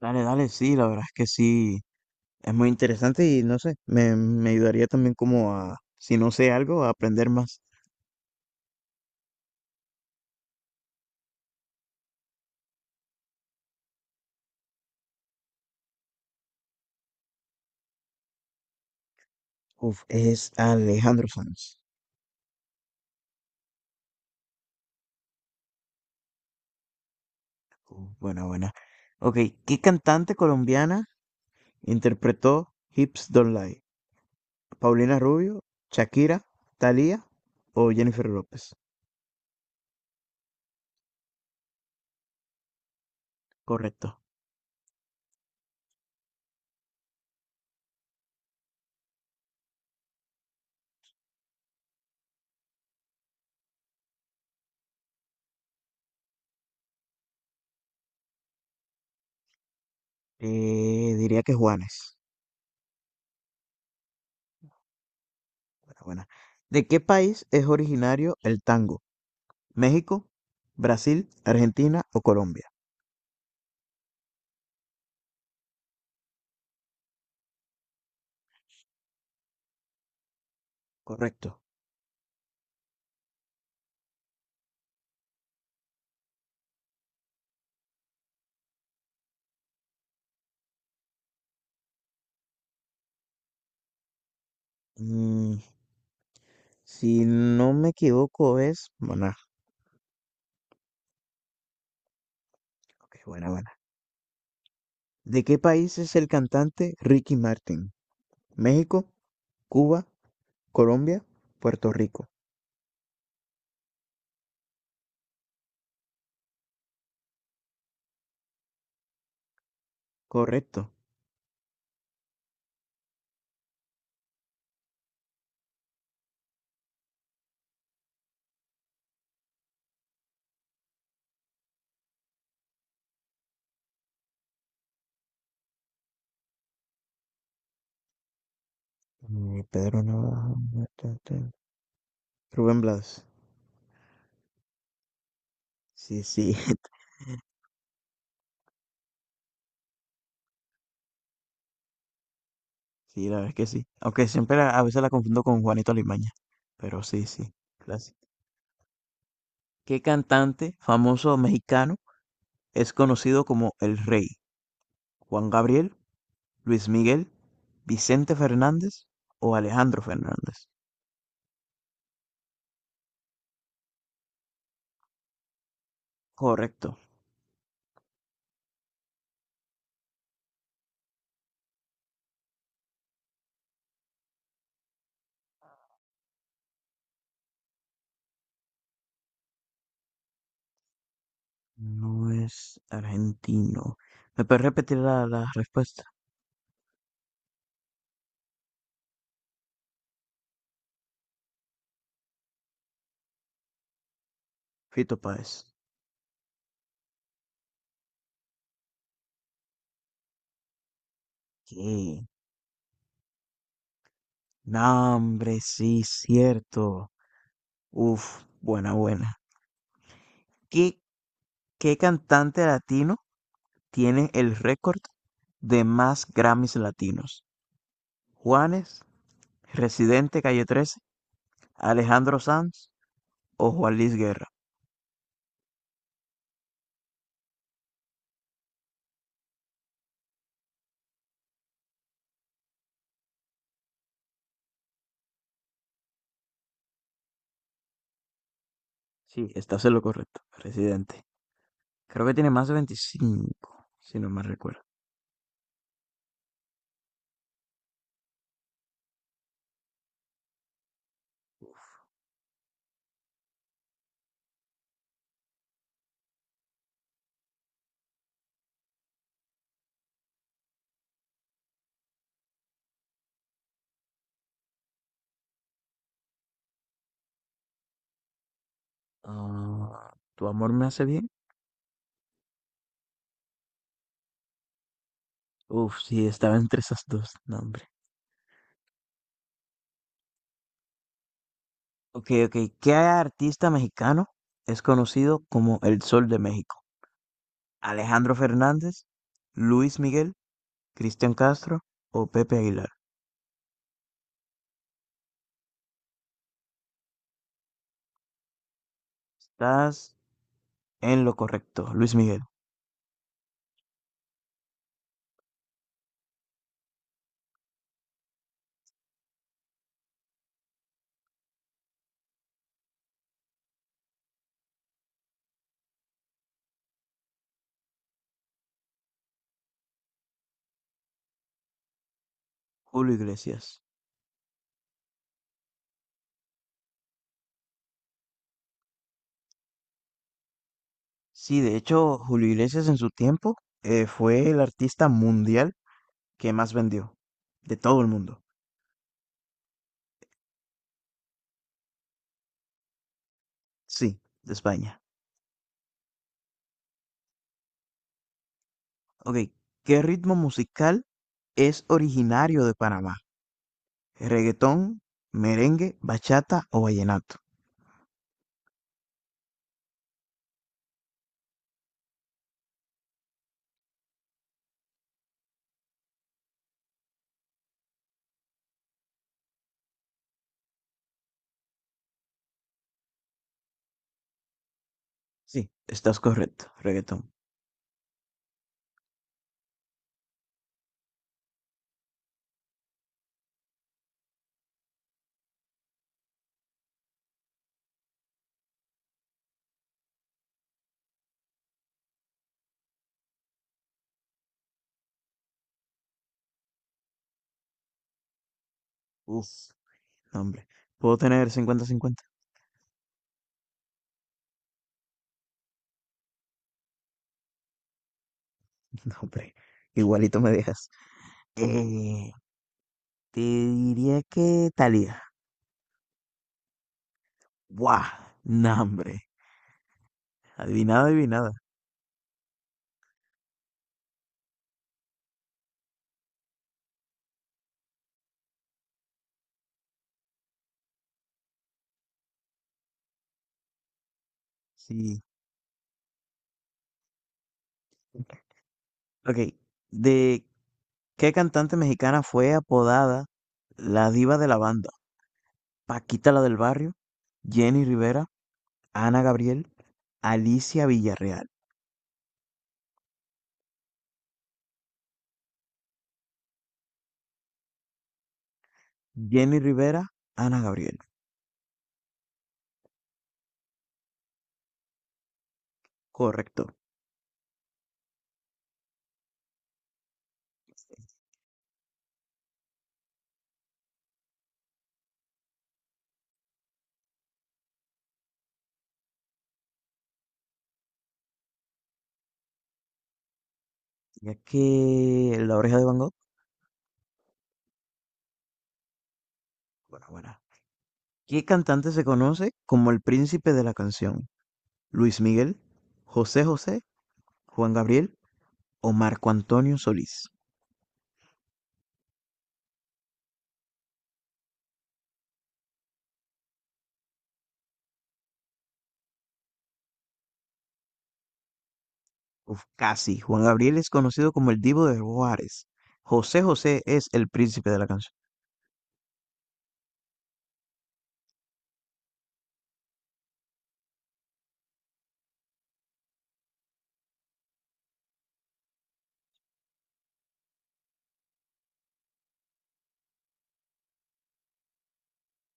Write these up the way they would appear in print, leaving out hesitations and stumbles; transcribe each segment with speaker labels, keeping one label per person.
Speaker 1: Dale, dale, sí, la verdad es que sí, es muy interesante y no sé, me ayudaría también como a, si no sé algo, a aprender más. Uf, es Alejandro Sanz. Uf, buena, buena. Ok, ¿qué cantante colombiana interpretó Hips Don't Lie? ¿Paulina Rubio, Shakira, Thalía o Jennifer López? Correcto. Diría que Juanes. Buena, buena. ¿De qué país es originario el tango? ¿México, Brasil, Argentina o Colombia? Correcto. Mm, si no me equivoco es Maná. Ok, buena, buena. ¿De qué país es el cantante Ricky Martin? ¿México, Cuba, Colombia, Puerto Rico? Correcto. Pedro Navajo. Ta, ta. Rubén Blas. Sí, sí. Sí, la verdad es que sí. Aunque siempre a veces la confundo con Juanito Alimaña. Pero sí, sí. Clásico. ¿Qué cantante famoso mexicano es conocido como El Rey? ¿Juan Gabriel, Luis Miguel, Vicente Fernández o Alejandro Fernández? Correcto. No es argentino. ¿Me puedes repetir la respuesta? Fito Páez. ¿Qué? No, hombre, sí, cierto. Uf, buena, buena. ¿Qué, qué cantante latino tiene el récord de más Grammys latinos? ¿Juanes, Residente Calle 13, Alejandro Sanz o Juan Luis Guerra? Sí, estás en lo correcto, Residente. Creo que tiene más de 25, si no me recuerdo. Ah, ¿Tu amor me hace bien? Uf, sí, estaba entre esas dos, no, hombre. Ok, ok. ¿Qué artista mexicano es conocido como el Sol de México? ¿Alejandro Fernández, Luis Miguel, Cristian Castro o Pepe Aguilar? Estás en lo correcto, Luis Miguel. Julio Iglesias. Sí, de hecho, Julio Iglesias en su tiempo fue el artista mundial que más vendió de todo el mundo. Sí, de España. Ok, ¿qué ritmo musical es originario de Panamá? ¿Reggaetón, merengue, bachata o vallenato? Sí, estás correcto, reggaetón. Uf, no, hombre. ¿Puedo tener 50/50? No, hombre. Igualito me dejas. Eh, Te diría que Thalía. ¡Buah! No, hombre. Adivinada, adivinada. Sí. Ok, ¿de qué cantante mexicana fue apodada la diva de la banda? ¿Paquita la del barrio? ¿Jenny Rivera? ¿Ana Gabriel? Alicia Villarreal, Jenny Rivera, Ana Gabriel. Correcto. Ya que La Oreja de Van Gogh, bueno, bueno. ¿Qué cantante se conoce como el príncipe de la canción? ¿Luis Miguel, José José, Juan Gabriel o Marco Antonio Solís? Uf, casi. Juan Gabriel es conocido como el Divo de Juárez. José José es el príncipe de la canción.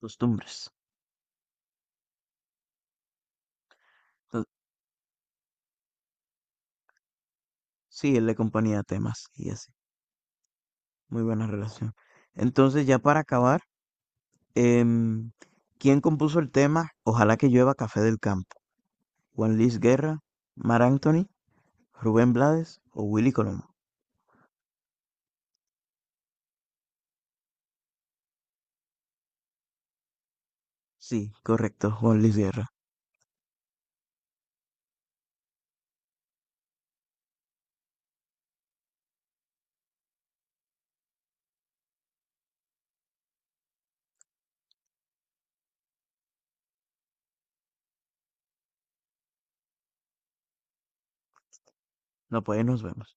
Speaker 1: Costumbres. Entonces, sí, él le acompaña temas y así. Muy buena relación. Entonces, ya para acabar, Em, ¿quién compuso el tema Ojalá que llueva café del campo? ¿Juan Luis Guerra, Mar Anthony, Rubén Blades o Willy Colón? Sí, correcto, Juan Luis Guerra. No, pues nos vemos.